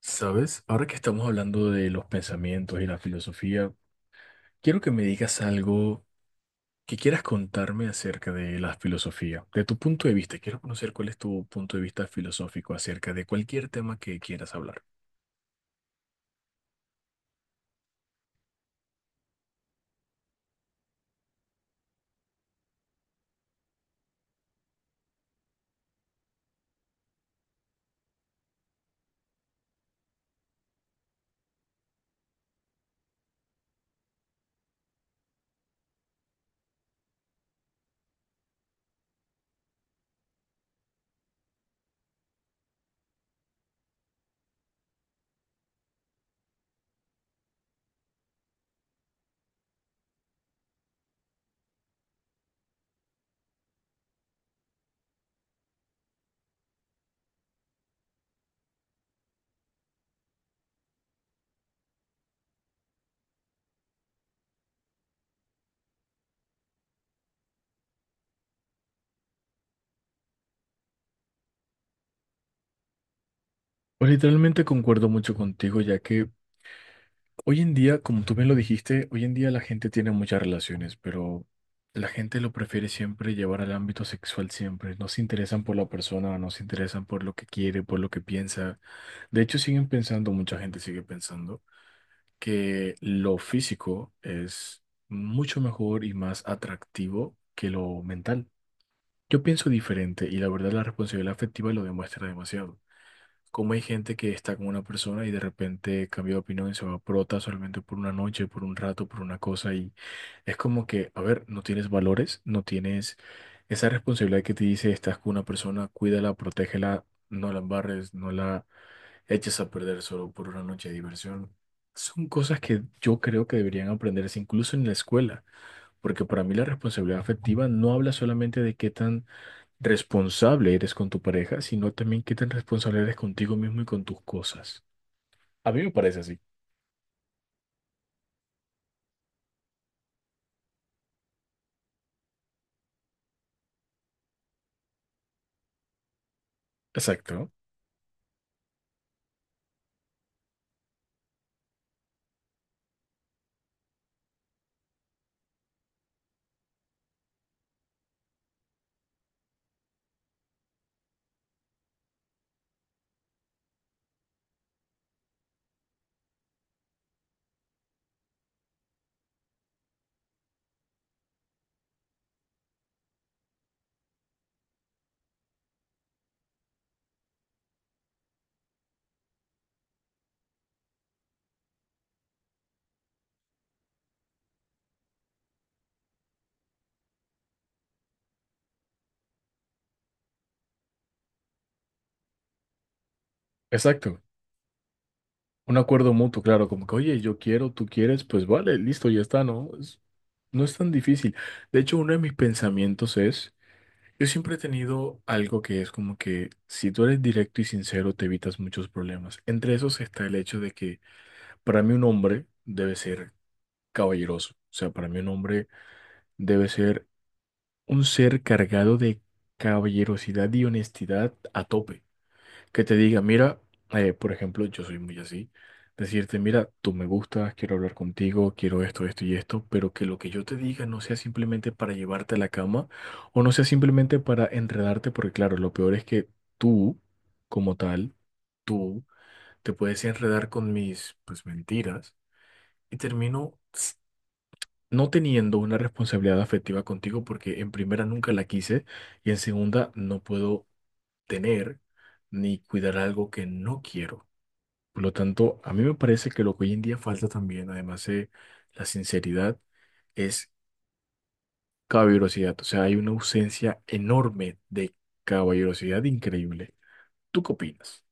¿Sabes? Ahora que estamos hablando de los pensamientos y la filosofía, quiero que me digas algo que quieras contarme acerca de la filosofía, de tu punto de vista. Quiero conocer cuál es tu punto de vista filosófico acerca de cualquier tema que quieras hablar. Pues literalmente concuerdo mucho contigo, ya que hoy en día, como tú bien lo dijiste, hoy en día la gente tiene muchas relaciones, pero la gente lo prefiere siempre llevar al ámbito sexual siempre. No se interesan por la persona, no se interesan por lo que quiere, por lo que piensa. De hecho, siguen pensando, mucha gente sigue pensando, que lo físico es mucho mejor y más atractivo que lo mental. Yo pienso diferente y la verdad la responsabilidad afectiva lo demuestra demasiado. Como hay gente que está con una persona y de repente cambia de opinión y se va por otra solamente por una noche, por un rato, por una cosa y es como que, a ver, no tienes valores, no tienes esa responsabilidad que te dice, estás con una persona, cuídala, protégela, no la embarres, no la eches a perder solo por una noche de diversión. Son cosas que yo creo que deberían aprenderse incluso en la escuela, porque para mí la responsabilidad afectiva no habla solamente de qué tan responsable eres con tu pareja, sino también qué tan responsable eres contigo mismo y con tus cosas. A mí me parece así. Exacto, exacto. Un acuerdo mutuo, claro, como que, oye, yo quiero, tú quieres, pues vale, listo, ya está, ¿no? No es tan difícil. De hecho, uno de mis pensamientos es, yo siempre he tenido algo que es como que si tú eres directo y sincero, te evitas muchos problemas. Entre esos está el hecho de que para mí un hombre debe ser caballeroso. O sea, para mí un hombre debe ser un ser cargado de caballerosidad y honestidad a tope. Que te diga, mira, por ejemplo, yo soy muy así. Decirte, mira, tú me gustas, quiero hablar contigo, quiero esto, esto y esto, pero que lo que yo te diga no sea simplemente para llevarte a la cama o no sea simplemente para enredarte, porque claro, lo peor es que tú, como tal, tú te puedes enredar con mis, pues, mentiras y termino no teniendo una responsabilidad afectiva contigo, porque en primera nunca la quise y en segunda no puedo tener ni cuidar algo que no quiero. Por lo tanto, a mí me parece que lo que hoy en día falta también, además de la sinceridad, es caballerosidad. O sea, hay una ausencia enorme de caballerosidad increíble. ¿Tú qué opinas?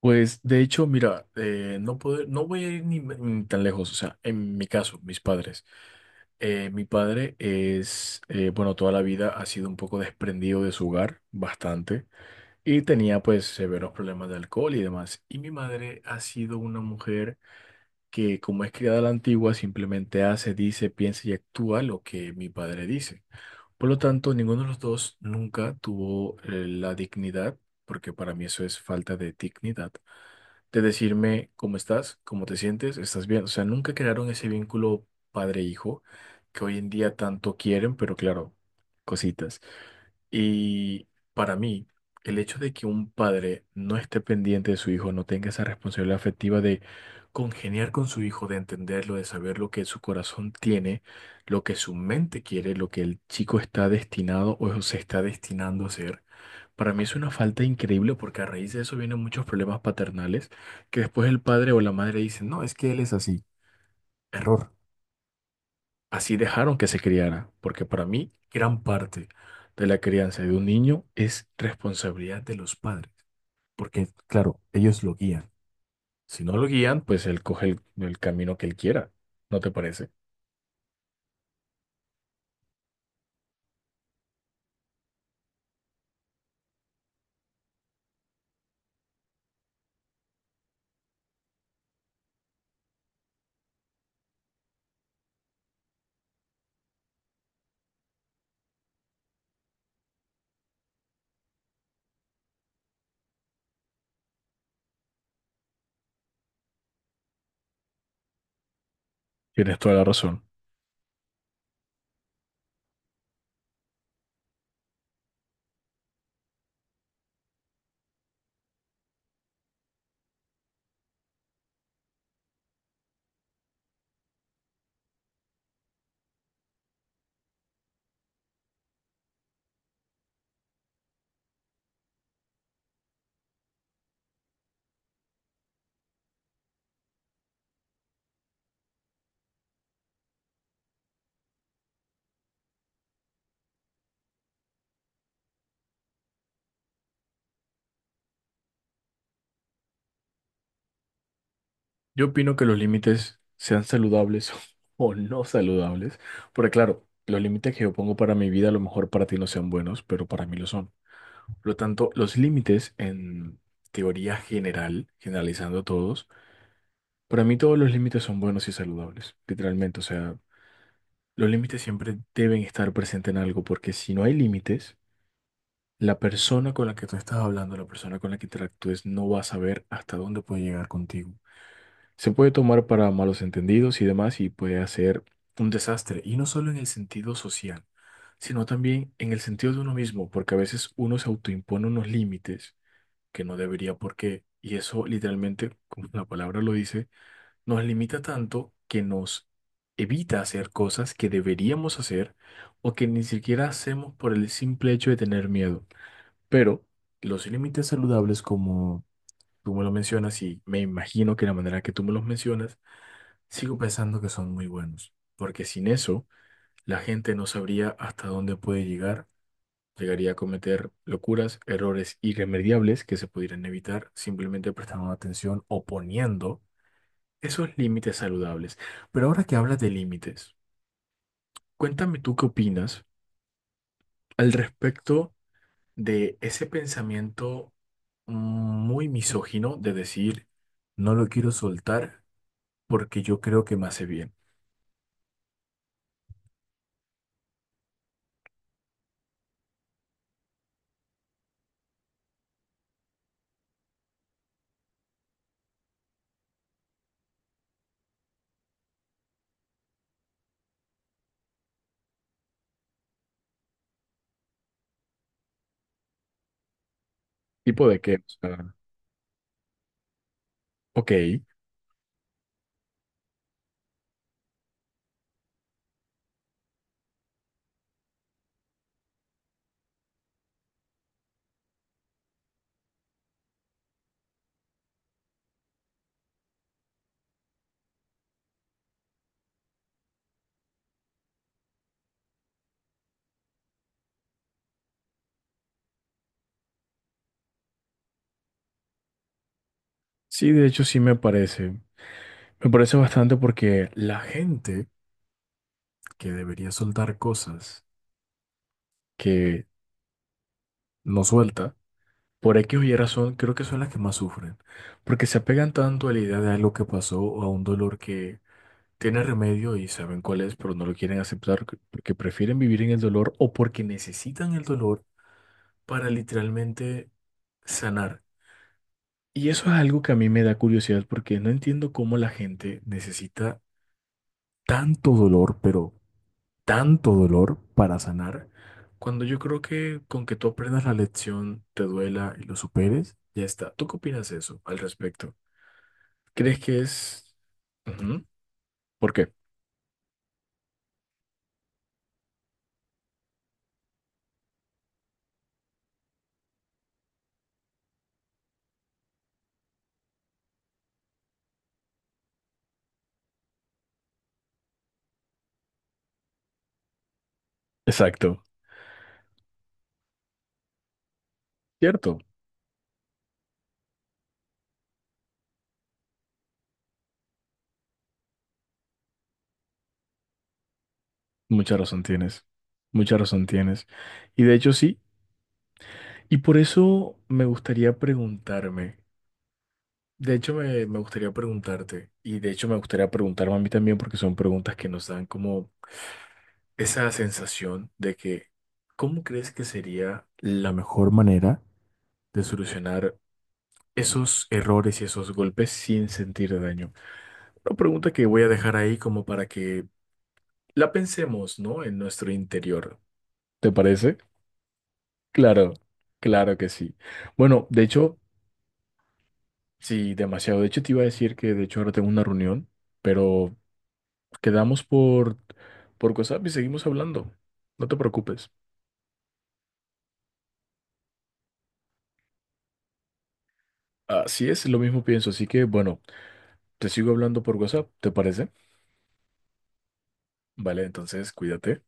Pues de hecho, mira, no puedo, no voy a ir ni tan lejos, o sea, en mi caso, mis padres. Mi padre es, bueno, toda la vida ha sido un poco desprendido de su hogar, bastante, y tenía pues severos problemas de alcohol y demás. Y mi madre ha sido una mujer que, como es criada a la antigua, simplemente hace, dice, piensa y actúa lo que mi padre dice. Por lo tanto, ninguno de los dos nunca tuvo, la dignidad, porque para mí eso es falta de dignidad de decirme cómo estás, cómo te sientes, estás bien. O sea, nunca crearon ese vínculo padre-hijo que hoy en día tanto quieren, pero claro, cositas. Y para mí, el hecho de que un padre no esté pendiente de su hijo, no tenga esa responsabilidad afectiva de congeniar con su hijo, de entenderlo, de saber lo que su corazón tiene, lo que su mente quiere, lo que el chico está destinado o se está destinando a ser para mí es una falta increíble porque a raíz de eso vienen muchos problemas paternales que después el padre o la madre dicen, no, es que él es así. Error. Así dejaron que se criara, porque para mí gran parte de la crianza de un niño es responsabilidad de los padres, porque claro, ellos lo guían. Si no lo guían, pues él coge el camino que él quiera. ¿No te parece? Tienes toda la razón. Yo opino que los límites sean saludables o no saludables, porque claro, los límites que yo pongo para mi vida a lo mejor para ti no sean buenos, pero para mí lo son. Por lo tanto, los límites en teoría general, generalizando todos, para mí todos los límites son buenos y saludables, literalmente. O sea, los límites siempre deben estar presentes en algo, porque si no hay límites, la persona con la que tú estás hablando, la persona con la que interactúes, no va a saber hasta dónde puede llegar contigo. Se puede tomar para malos entendidos y demás y puede hacer un desastre. Y no solo en el sentido social, sino también en el sentido de uno mismo, porque a veces uno se autoimpone unos límites que no debería por qué. Y eso literalmente, como la palabra lo dice, nos limita tanto que nos evita hacer cosas que deberíamos hacer o que ni siquiera hacemos por el simple hecho de tener miedo. Pero los límites saludables, como tú me lo mencionas y me imagino que la manera que tú me los mencionas, sigo pensando que son muy buenos, porque sin eso la gente no sabría hasta dónde puede llegar, llegaría a cometer locuras, errores irremediables que se pudieran evitar simplemente prestando atención o poniendo esos límites saludables. Pero ahora que hablas de límites, cuéntame tú qué opinas al respecto de ese pensamiento muy misógino de decir, no lo quiero soltar porque yo creo que me hace bien. ¿Tipo de qué? O sea, ok. Sí, de hecho sí me parece. Me parece bastante porque la gente que debería soltar cosas que no suelta, por X o Y razón, creo que son las que más sufren. Porque se apegan tanto a la idea de algo que pasó o a un dolor que tiene remedio y saben cuál es, pero no lo quieren aceptar porque prefieren vivir en el dolor o porque necesitan el dolor para literalmente sanar. Y eso es algo que a mí me da curiosidad porque no entiendo cómo la gente necesita tanto dolor, pero tanto dolor para sanar, cuando yo creo que con que tú aprendas la lección, te duela y lo superes, ya está. ¿Tú qué opinas de eso al respecto? ¿Crees que es... Ujú. ¿Por qué? Exacto. Cierto. Mucha razón tienes. Mucha razón tienes. Y de hecho sí. Y por eso me gustaría preguntarme. De hecho me gustaría preguntarte. Y de hecho me gustaría preguntarme a mí también porque son preguntas que nos dan como esa sensación de que, ¿cómo crees que sería la mejor manera de solucionar esos errores y esos golpes sin sentir daño? Una pregunta que voy a dejar ahí como para que la pensemos, ¿no? En nuestro interior. ¿Te parece? Claro, claro que sí. Bueno, de hecho, sí, demasiado. De hecho, te iba a decir que de hecho ahora tengo una reunión, pero quedamos por WhatsApp y seguimos hablando. No te preocupes. Así es, lo mismo pienso. Así que, bueno. Te sigo hablando por WhatsApp, ¿te parece? Vale, entonces cuídate.